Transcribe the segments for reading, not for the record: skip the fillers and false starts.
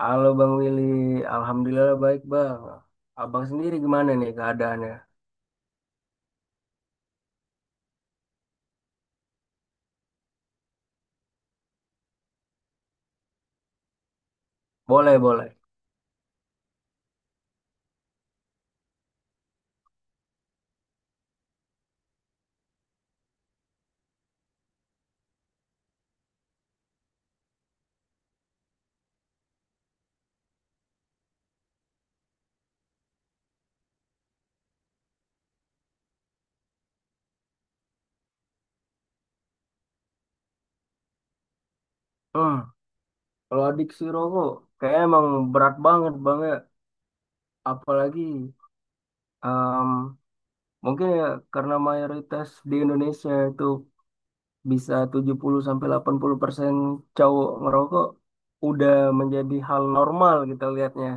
Halo Bang Willy, Alhamdulillah baik Bang. Abang sendiri gimana nih keadaannya? Boleh, boleh. Hmm, Kalau adiksi rokok, kayaknya emang berat banget Bang ya. Apalagi em, mungkin ya karena mayoritas di Indonesia itu bisa 70-80% cowok ngerokok, udah menjadi hal normal kita lihatnya.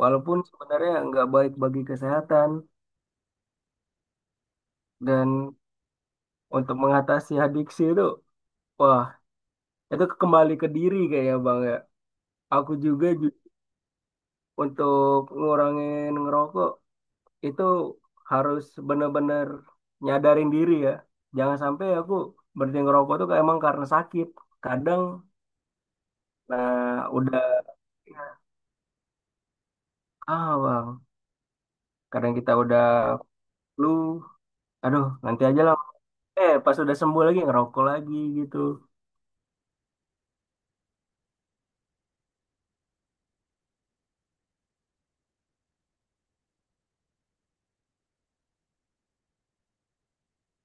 Walaupun sebenarnya nggak baik bagi kesehatan dan untuk mengatasi adiksi itu, wah itu kembali ke diri kayaknya Bang ya. Aku juga untuk ngurangin ngerokok itu harus bener-bener nyadarin diri ya. Jangan sampai aku berhenti ngerokok tuh kayak emang karena sakit. Kadang nah udah ah Bang, kadang kita udah flu, aduh nanti aja lah. Eh, pas udah sembuh lagi ngerokok lagi gitu.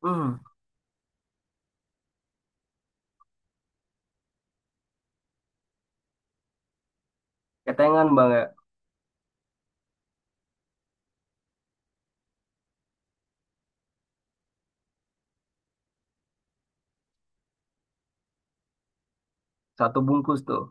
Hmm, ketengan Bang ya. Satu bungkus tuh.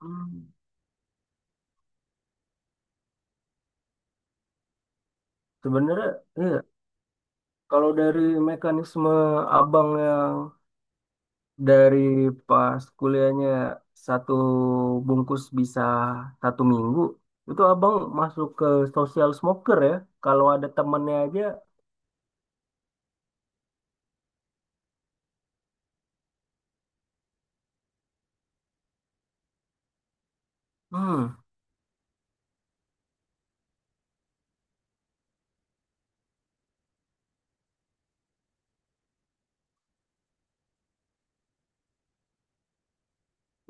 Hmm. Sebenarnya iya. Kalau dari mekanisme abang yang dari pas kuliahnya satu bungkus bisa satu minggu, itu abang masuk ke social smoker ya. Kalau ada temennya aja, hmm,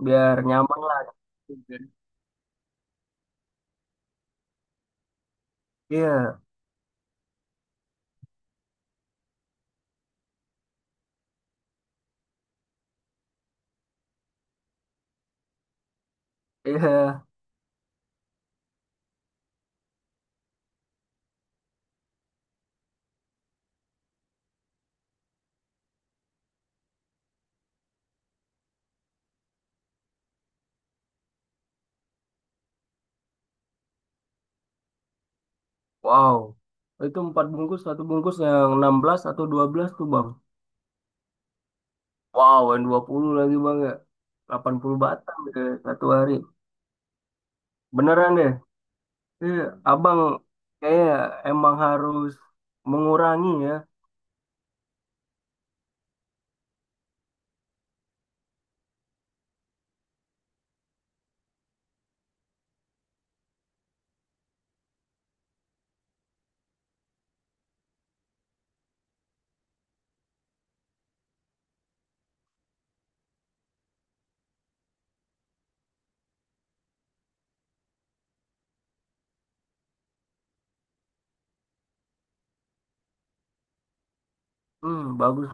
biar nyaman lah. Iya, iya. Wow. Itu empat bungkus, satu bungkus yang 16 atau 12 tuh bang. Wow, yang 20 lagi bang ya. 80 batang deh satu hari. Beneran deh. Iya, abang kayak emang harus mengurangi ya. Hmm, bagus.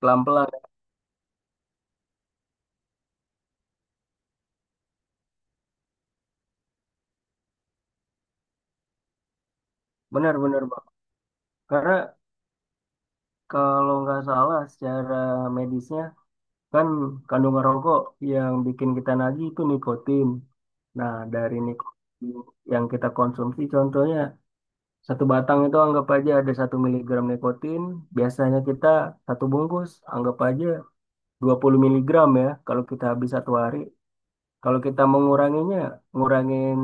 Pelan-pelan. Benar-benar, Bang. Karena kalau nggak salah secara medisnya kan kandungan rokok yang bikin kita nagih itu nikotin. Nah, dari nikotin yang kita konsumsi contohnya satu batang itu anggap aja ada satu miligram nikotin. Biasanya kita satu bungkus anggap aja 20 miligram ya kalau kita habis satu hari. Kalau kita menguranginya, ngurangin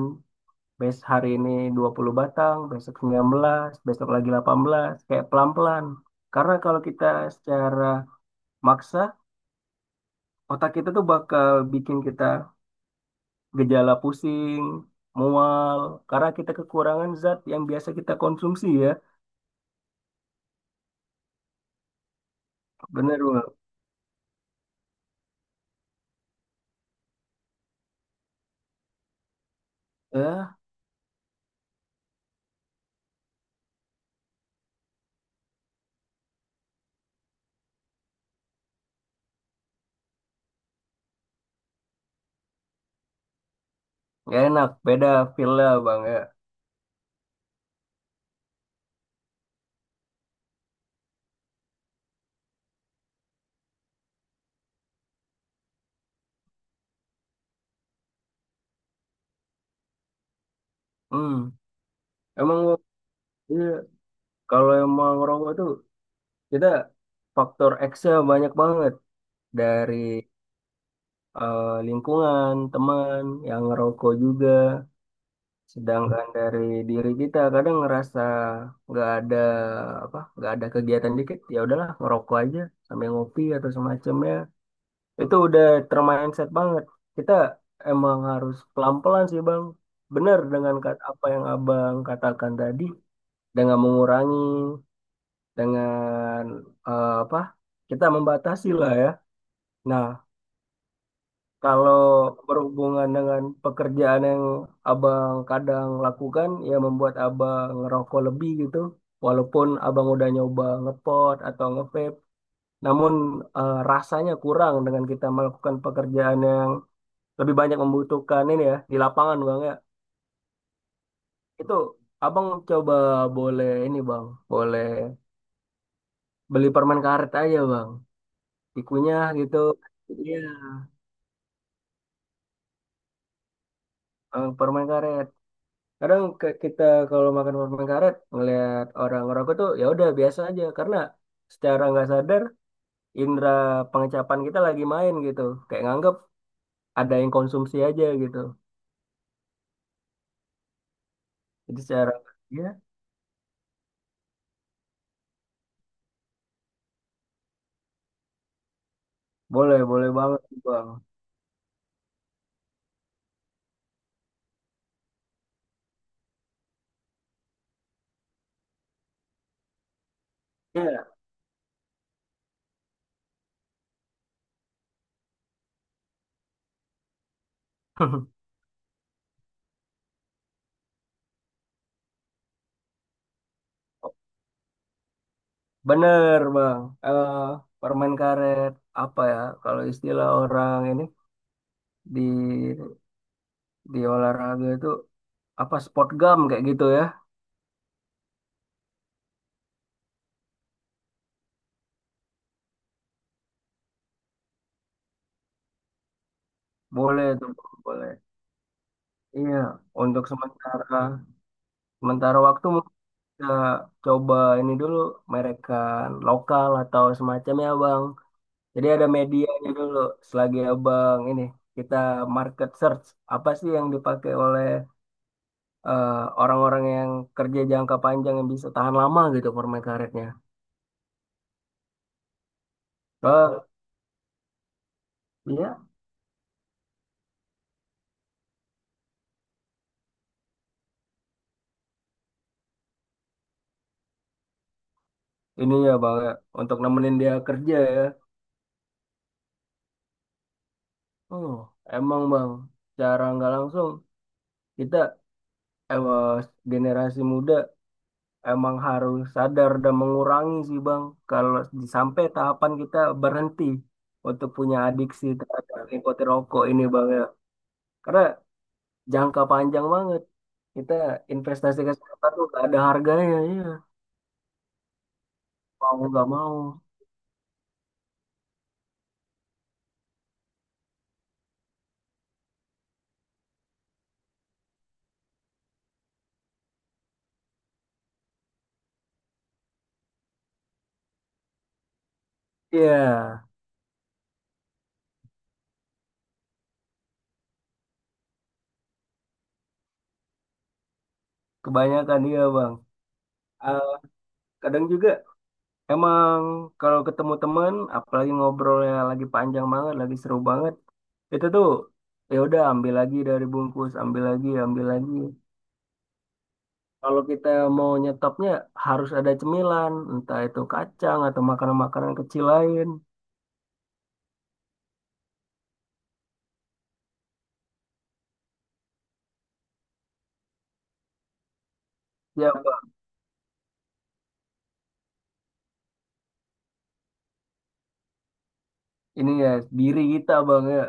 Hari ini 20 batang, besok 19 besok lagi 18 kayak pelan-pelan. Karena kalau kita secara maksa, otak kita tuh bakal bikin kita gejala pusing, mual, karena kita kekurangan zat yang biasa kita konsumsi ya. Bener, Bang. Ya, nggak enak, beda feel lah, Bang ya. Hmm. Emang Bang, iya, kalau emang ngerokok tuh kita faktor X-nya banyak banget dari lingkungan, teman, yang ngerokok juga. Sedangkan dari diri kita kadang ngerasa nggak ada apa, nggak ada kegiatan dikit, ya udahlah ngerokok aja sambil ngopi atau semacamnya. Itu udah termindset banget. Kita emang harus pelan-pelan sih Bang. Benar dengan apa yang Abang katakan tadi, dengan mengurangi, dengan apa, kita membatasi lah ya. Nah, kalau berhubungan dengan pekerjaan yang abang kadang lakukan, ya membuat abang ngerokok lebih gitu. Walaupun abang udah nyoba ngepot atau ngevape, namun rasanya kurang dengan kita melakukan pekerjaan yang lebih banyak membutuhkan ini ya di lapangan bang ya. Itu abang coba boleh ini bang, boleh beli permen karet aja bang, dikunyah gitu. Iya, eh, permen karet. Kadang kita kalau makan permen karet ngelihat orang ngerokok tuh ya udah biasa aja karena secara nggak sadar indera pengecapan kita lagi main gitu kayak nganggep ada yang konsumsi aja gitu jadi secara ya boleh boleh banget bang. Iya. Bener bang. Eh, permen karet apa ya kalau istilah orang ini di olahraga itu apa sport gum kayak gitu ya boleh tuh boleh iya untuk sementara. Sementara waktu mungkin kita coba ini dulu merekan lokal atau semacamnya Bang. Jadi ada medianya dulu selagi Abang ini kita market search apa sih yang dipakai oleh eh, orang-orang yang kerja jangka panjang yang bisa tahan lama gitu permen karetnya. Oh, iya ini ya Bang ya, untuk nemenin dia kerja ya. Oh, emang Bang, cara nggak langsung kita eh, generasi muda emang harus sadar dan mengurangi sih Bang, kalau sampai tahapan kita berhenti untuk punya adiksi terhadap nikoti rokok ini Bang ya. Karena jangka panjang banget. Kita investasi kesehatan tuh gak ada harganya ya. Mau nggak mau. Iya, kebanyakan iya Bang. Eh, kadang juga emang kalau ketemu teman, apalagi ngobrolnya lagi panjang banget, lagi seru banget, itu tuh ya udah ambil lagi dari bungkus, ambil lagi, ambil lagi. Kalau kita mau nyetopnya harus ada cemilan, entah itu kacang atau makanan-makanan kecil lain. Ya, Bang. Ini ya diri kita, Bang ya.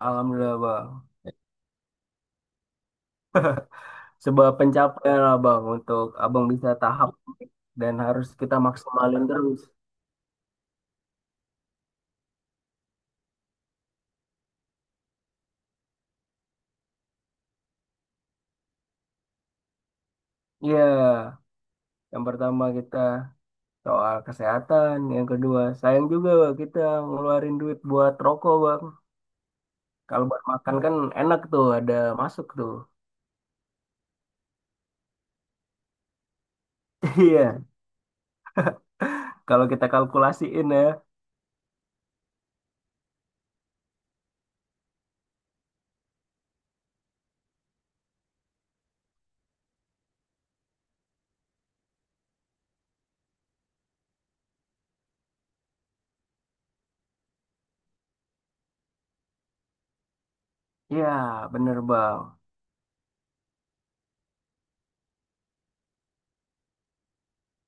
Alhamdulillah, Bang. Sebuah pencapaian lah, Bang, untuk Abang bisa tahap dan harus kita maksimalin terus. Iya, yang pertama kita soal kesehatan, yang kedua sayang juga, Bang, kita ngeluarin duit buat rokok, Bang. Kalau buat makan kan enak tuh, ada masuk tuh. Iya, kalau kita kalkulasiin ya. Ya bener Bang.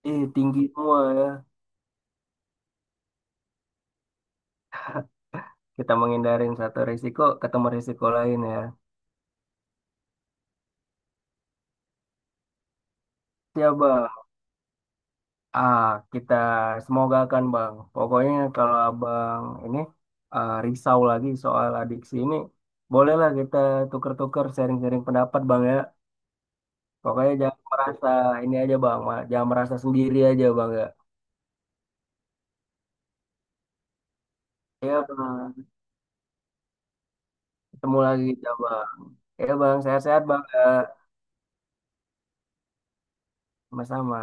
Ih, tinggi semua ya. Kita menghindarin satu risiko, ketemu risiko lain ya. Ya Bang. Ah, kita semoga kan Bang. Pokoknya kalau Abang ini risau lagi soal adiksi ini, bolehlah kita tuker-tuker sharing-sharing pendapat Bang ya. Pokoknya jangan merasa ini aja Bang, jangan merasa sendiri aja Bang ya. Ya Bang, ketemu lagi ya Bang. Ya Bang, sehat-sehat Bang ya. Sama-sama.